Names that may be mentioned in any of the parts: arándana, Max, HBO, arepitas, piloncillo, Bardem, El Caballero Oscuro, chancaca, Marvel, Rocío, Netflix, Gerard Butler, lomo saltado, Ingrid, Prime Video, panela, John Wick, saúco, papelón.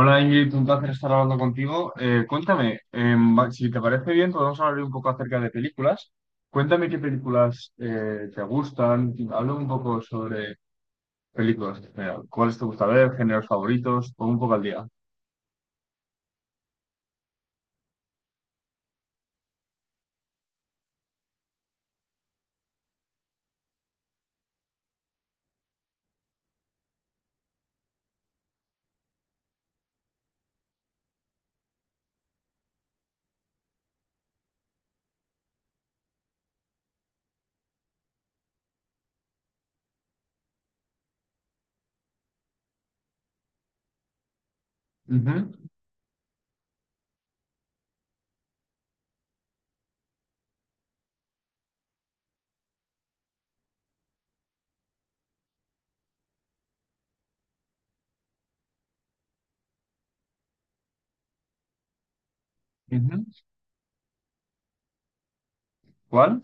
Hola Ingrid, un placer estar hablando contigo. Cuéntame, si te parece bien, podemos hablar un poco acerca de películas. Cuéntame qué películas te gustan. Habla un poco sobre películas en general. ¿Cuáles te gusta ver? ¿Géneros favoritos? Pon un poco al día. Ujú, ujú. ¿Cuál?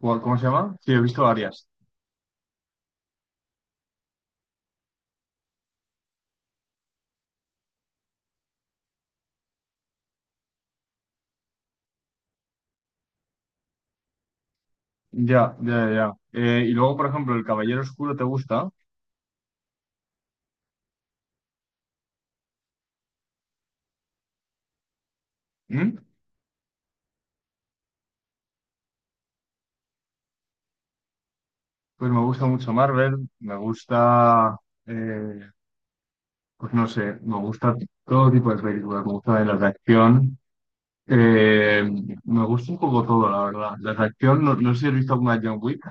¿Cuál? ¿Cómo se llama? Sí, he visto varias. Ya, ya, ya. Y luego, por ejemplo, El Caballero Oscuro, ¿te gusta? ¿Mm? Pues me gusta mucho Marvel, me gusta... eh, pues no sé, me gusta todo tipo de películas, me gusta de las de acción, eh, me gusta un poco todo, la verdad. Las de acción, no, no sé si has visto alguna de John Wick.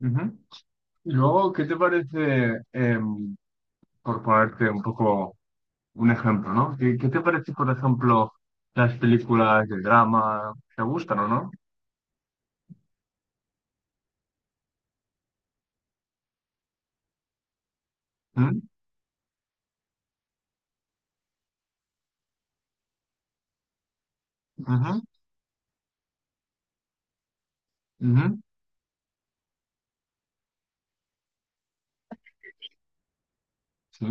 Ujú. Y luego, ¿qué te parece, por ponerte un poco un ejemplo, ¿no? ¿Qué, qué te parece, por ejemplo, las películas de drama? ¿Te gustan o no? ¿Mm? Ujú, ujú, sí,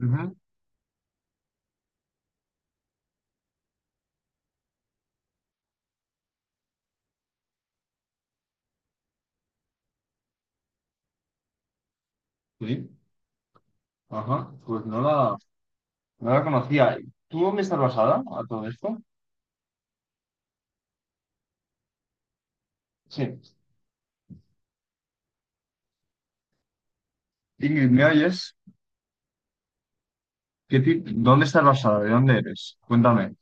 ujú, sí, ajá, no la conocía. ¿Tú dónde estás basada a todo esto? Sí. Ingrid, ¿me oyes? ¿Dónde estás basada? ¿De dónde eres? Cuéntame.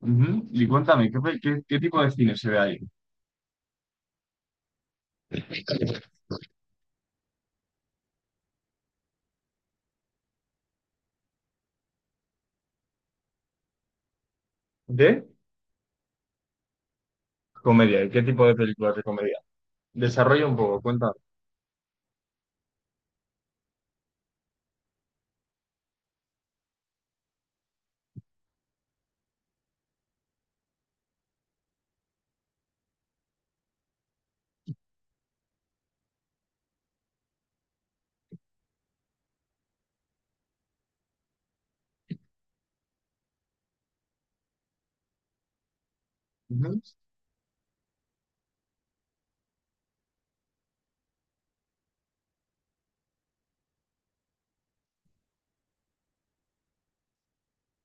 Ujú. Y cuéntame, ¿qué tipo de cine se ve ahí? ¿De? Comedia. ¿Y qué tipo de películas de comedia? Desarrolla un poco, cuéntame. Ujú,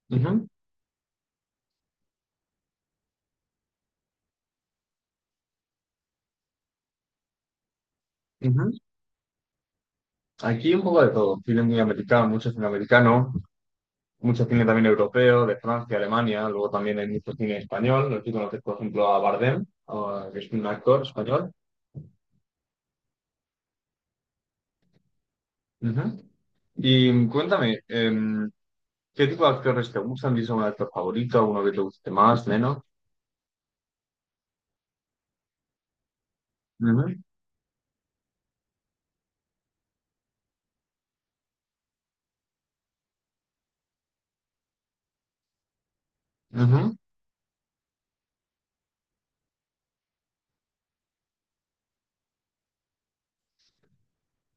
ujú, ujú. Aquí un poco de todo. Cine muy americano, mucho cine también europeo, de Francia, Alemania. Luego también hay mucho cine español. Aquí conoces, por ejemplo, a Bardem, que es un actor español. Ujú. Y cuéntame, ¿qué tipo de actores te gustan? ¿Tienes algún actor favorito? ¿Alguno que te guste más, menos? Ujú, ujú,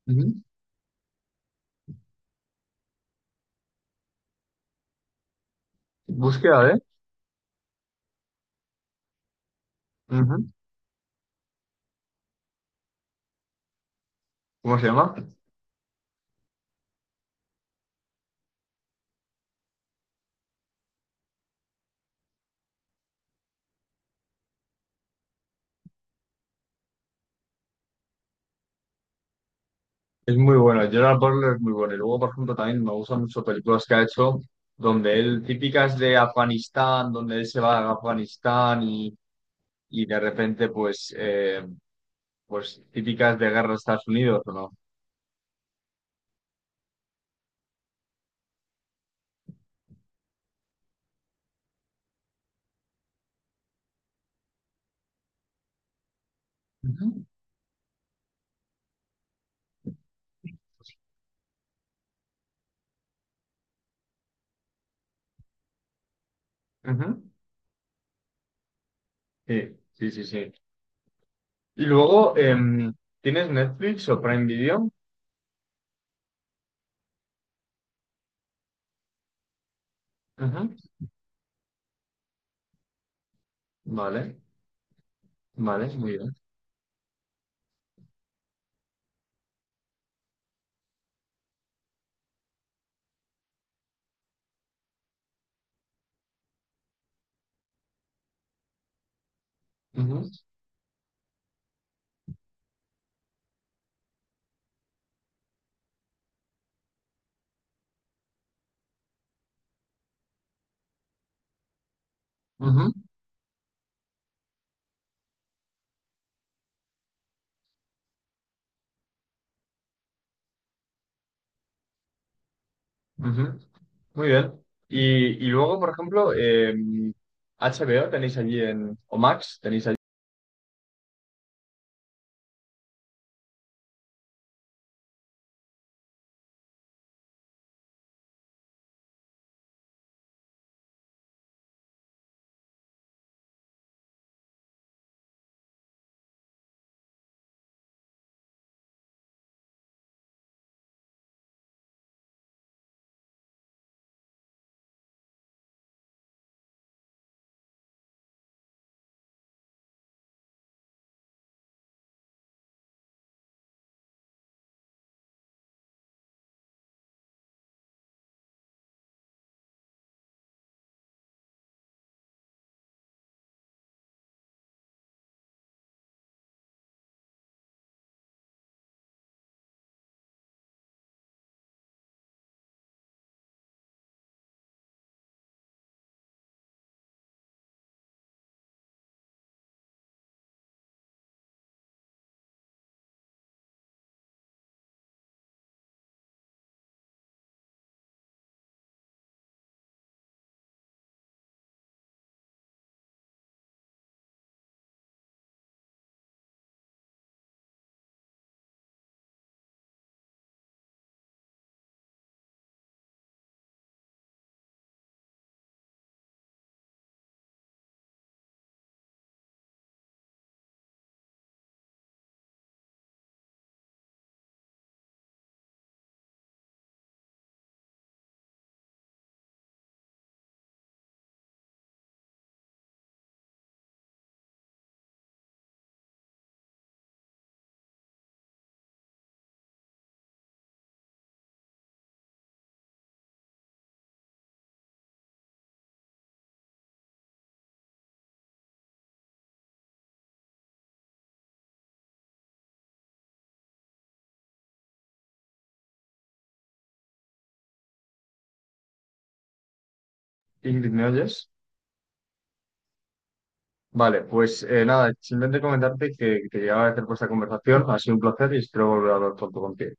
ujú. Búsqueda de. Ujú. ¿Cómo se llama? Es muy bueno. Gerard Butler es muy bueno. Y luego, por ejemplo, también me gustan mucho películas que ha hecho donde él, típicas de Afganistán, donde él se va a Afganistán y de repente, pues, pues típicas de guerra de Estados Unidos, ¿o no? Ujú, ujú. Sí, sí, sí, sí. Y luego, ¿tienes Netflix o Prime Video? Ujú. Vale, vale, muy bien. Ujú, ujú. Ujú, muy bien. Y luego, por ejemplo, HBO tenéis allí en, o Max tenéis allí. Ingrid, ¿me oyes? Vale, pues nada, simplemente comentarte que llegaba a hacer esta conversación. Ha sido un placer y espero volver a hablar pronto contigo.